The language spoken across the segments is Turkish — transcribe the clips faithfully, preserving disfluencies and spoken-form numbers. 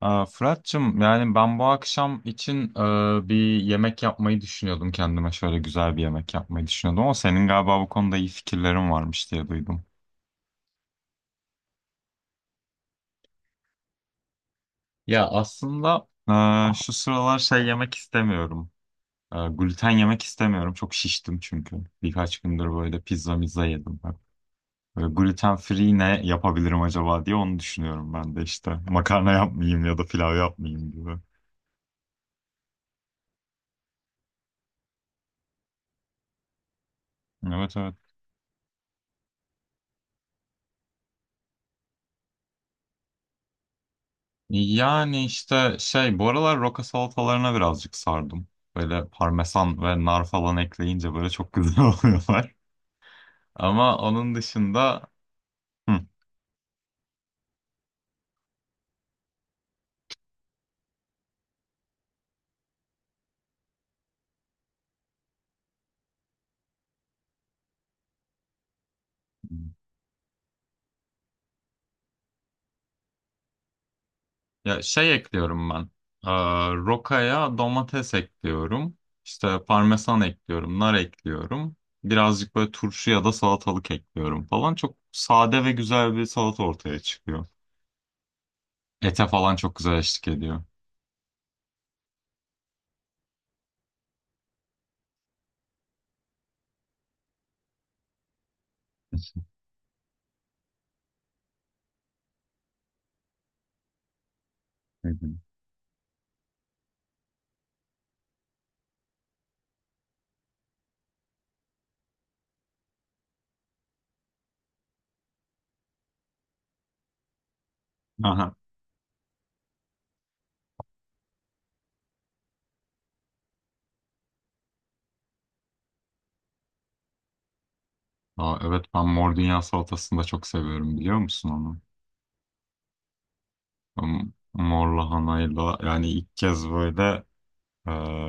Aa, Fırat'cığım yani ben bu akşam için e, bir yemek yapmayı düşünüyordum kendime şöyle güzel bir yemek yapmayı düşünüyordum ama senin galiba bu konuda iyi fikirlerin varmış diye duydum. Ya aslında e, şu sıralar şey yemek istemiyorum. E, gluten yemek istemiyorum. Çok şiştim çünkü. Birkaç gündür böyle pizza mizza yedim. Ben. Böyle gluten free ne yapabilirim acaba diye onu düşünüyorum ben de işte. Makarna yapmayayım ya da pilav yapmayayım gibi. Evet evet. Yani işte şey bu aralar roka salatalarına birazcık sardım. Böyle parmesan ve nar falan ekleyince böyle çok güzel oluyorlar. Ama onun dışında hı, ya şey ekliyorum ben. Ee, Rokaya domates ekliyorum. İşte parmesan ekliyorum, nar ekliyorum. Birazcık böyle turşu ya da salatalık ekliyorum falan. Çok sade ve güzel bir salata ortaya çıkıyor. Ete falan çok güzel eşlik ediyor. Hı hı. Aa, evet ben mor dünya salatasını da çok seviyorum biliyor musun onu? Ben Mor lahanayla yani ilk kez böyle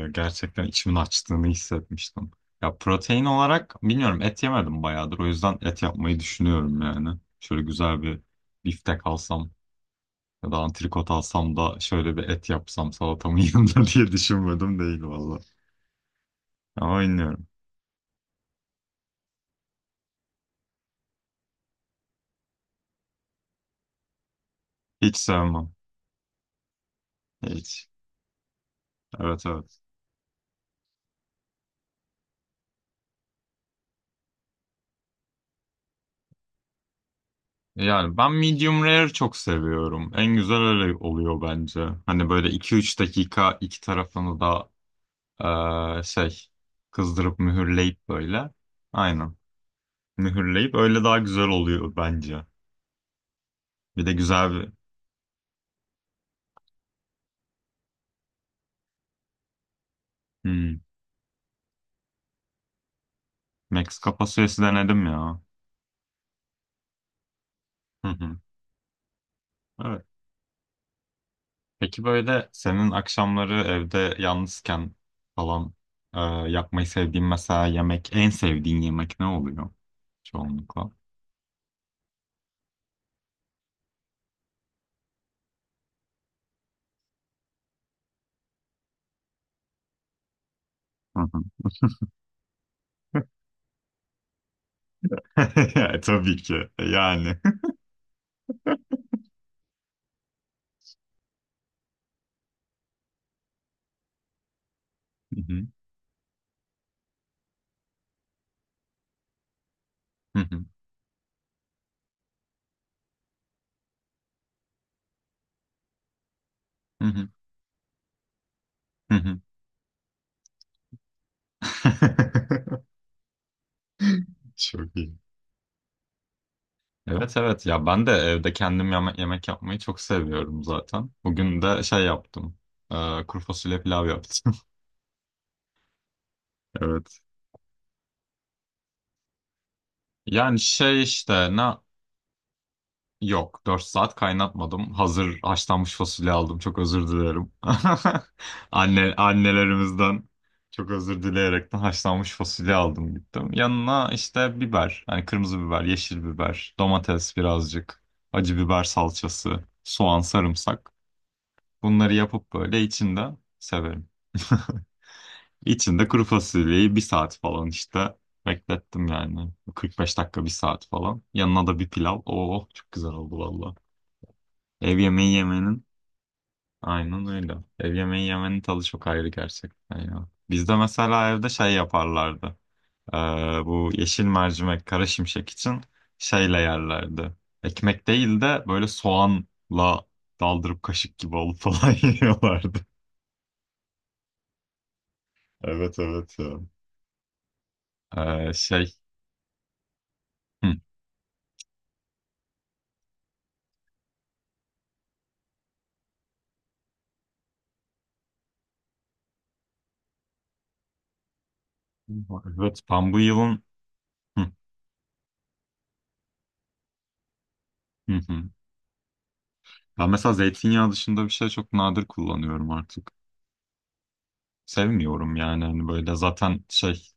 e, gerçekten içimin açtığını hissetmiştim. Ya protein olarak bilmiyorum et yemedim bayağıdır o yüzden et yapmayı düşünüyorum yani. Şöyle güzel bir biftek alsam ya da antrikot alsam da şöyle bir et yapsam salatamın yanında diye düşünmedim değil valla. Ama bilmiyorum. Hiç sevmem. Hiç. Evet evet. Yani ben medium rare çok seviyorum. En güzel öyle oluyor bence. Hani böyle iki üç dakika iki tarafını da eee, şey kızdırıp mühürleyip böyle. Aynen. Mühürleyip öyle daha güzel oluyor bence. Bir de güzel bir hmm, Meksika fasulyesi denedim ya. Hı hı. Evet. Peki böyle senin akşamları evde yalnızken falan eee, yapmayı sevdiğin mesela yemek en sevdiğin yemek ne oluyor çoğunlukla? Hı hı. Ya, Tabii ki. Yani. Hı hı, hı hı, hı hı, hı hı. Çok iyi. Evet evet ya ben de evde kendim yeme- yemek yapmayı çok seviyorum zaten. Bugün de şey yaptım. Ee, kuru fasulye pilav yaptım. Evet. Yani şey işte ne. Yok, dört saat kaynatmadım. Hazır haşlanmış fasulye aldım. Çok özür dilerim. Anne annelerimizden çok özür dileyerekten haşlanmış fasulye aldım gittim. Yanına işte biber, hani kırmızı biber, yeşil biber, domates birazcık, acı biber salçası, soğan, sarımsak. Bunları yapıp böyle içinde severim. İçinde kuru fasulyeyi bir saat falan işte beklettim yani. Kırk beş dakika bir saat falan. Yanına da bir pilav. Oo çok güzel oldu valla. Ev yemeği yemenin aynen öyle. Ev yemeği yemenin tadı çok ayrı gerçekten ya. Bizde mesela evde şey yaparlardı. Ee, Bu yeşil mercimek, kara şimşek için şeyle yerlerdi. Ekmek değil de böyle soğanla daldırıp kaşık gibi alıp falan yiyorlardı. Evet evet ya. Ee, şey. Hı. Evet ben bu yılın. Hı, hı, hı. Ben mesela zeytinyağı dışında bir şey çok nadir kullanıyorum artık. Sevmiyorum yani hani böyle zaten şey.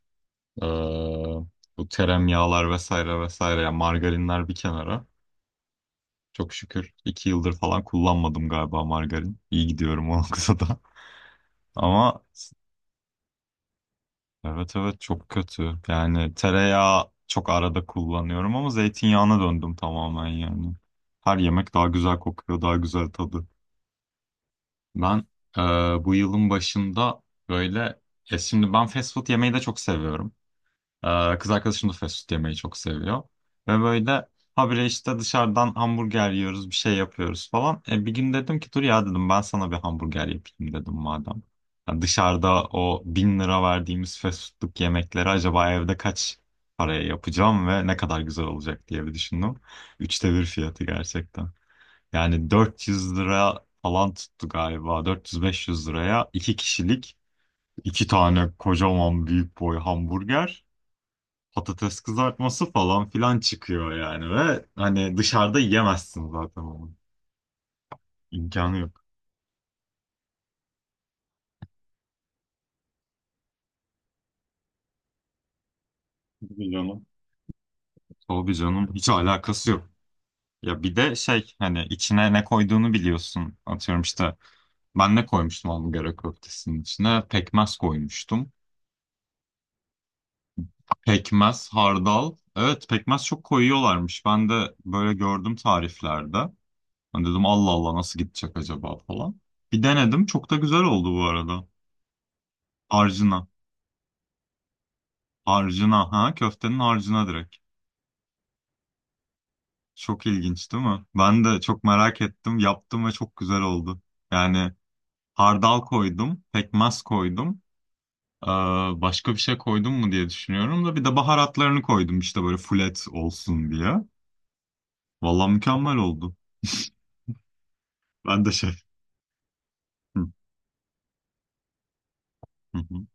Ee, Bu teremyağlar vesaire vesaire yani margarinler bir kenara. Çok şükür iki yıldır falan kullanmadım galiba margarin. İyi gidiyorum o da. Ama evet evet çok kötü. Yani tereyağı çok arada kullanıyorum ama zeytinyağına döndüm tamamen yani. Her yemek daha güzel kokuyor, daha güzel tadı. Ben e, bu yılın başında böyle... E şimdi ben fast food yemeyi de çok seviyorum. Ee, kız arkadaşım da fast food yemeyi çok seviyor. Ve böyle habire işte dışarıdan hamburger yiyoruz, bir şey yapıyoruz falan. E, bir gün dedim ki dur ya dedim ben sana bir hamburger yapayım dedim madem. Ya dışarıda o bin lira verdiğimiz fast foodluk yemekleri acaba evde kaç paraya yapacağım ve ne kadar güzel olacak diye bir düşündüm. Üçte bir fiyatı gerçekten. Yani dört yüz lira falan tuttu galiba. dört yüz beş yüz liraya iki kişilik iki tane kocaman büyük boy hamburger patates kızartması falan filan çıkıyor yani ve hani dışarıda yiyemezsin zaten onu. İmkanı yok. Tabii canım. Tabii canım hiç alakası yok. Ya bir de şey hani içine ne koyduğunu biliyorsun. Atıyorum işte ben ne koymuştum hamburger köftesinin içine? Pekmez koymuştum. Pekmez, hardal. Evet pekmez çok koyuyorlarmış. Ben de böyle gördüm tariflerde. Ben dedim Allah Allah nasıl gidecek acaba falan. Bir denedim çok da güzel oldu bu arada. Harcına. Harcına ha köftenin harcına direkt. Çok ilginç değil mi? Ben de çok merak ettim. Yaptım ve çok güzel oldu. Yani hardal koydum, pekmez koydum. Ee, Başka bir şey koydum mu diye düşünüyorum da bir de baharatlarını koydum işte böyle fulet olsun diye. Vallahi mükemmel oldu. Ben de şey.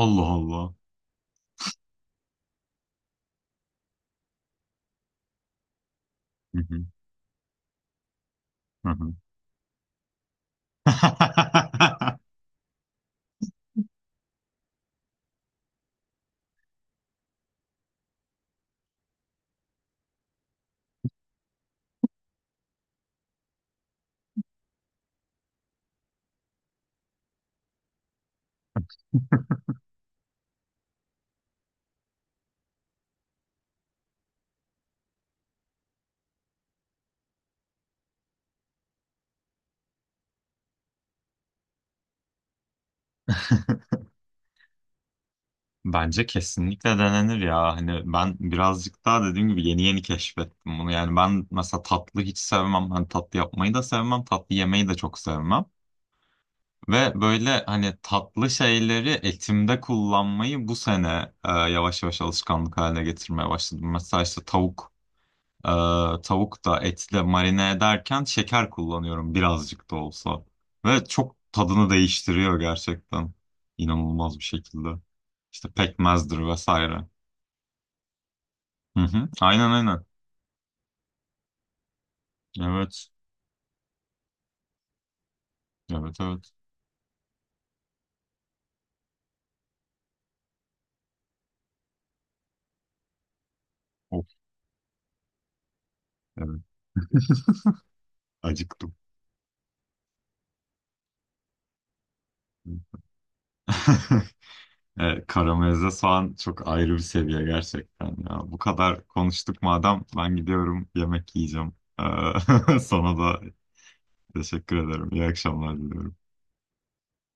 Allah Allah. Bence kesinlikle denenir ya. Hani ben birazcık daha dediğim gibi yeni yeni keşfettim bunu. Yani ben mesela tatlı hiç sevmem. Hani tatlı yapmayı da sevmem. Tatlı yemeyi de çok sevmem. Ve böyle hani tatlı şeyleri etimde kullanmayı bu sene e, yavaş yavaş alışkanlık haline getirmeye başladım. Mesela işte tavuk e, tavuk da etle marine ederken şeker kullanıyorum birazcık da olsa. Ve çok tadını değiştiriyor gerçekten. İnanılmaz bir şekilde. İşte pekmezdir vesaire. Hı hı. Aynen aynen. Evet. Evet evet. Of evet. Acıktım. Evet, karamelize soğan çok ayrı bir seviye gerçekten ya. Bu kadar konuştuk madem ben gidiyorum yemek yiyeceğim. Ee, Sana da teşekkür ederim. İyi akşamlar diliyorum.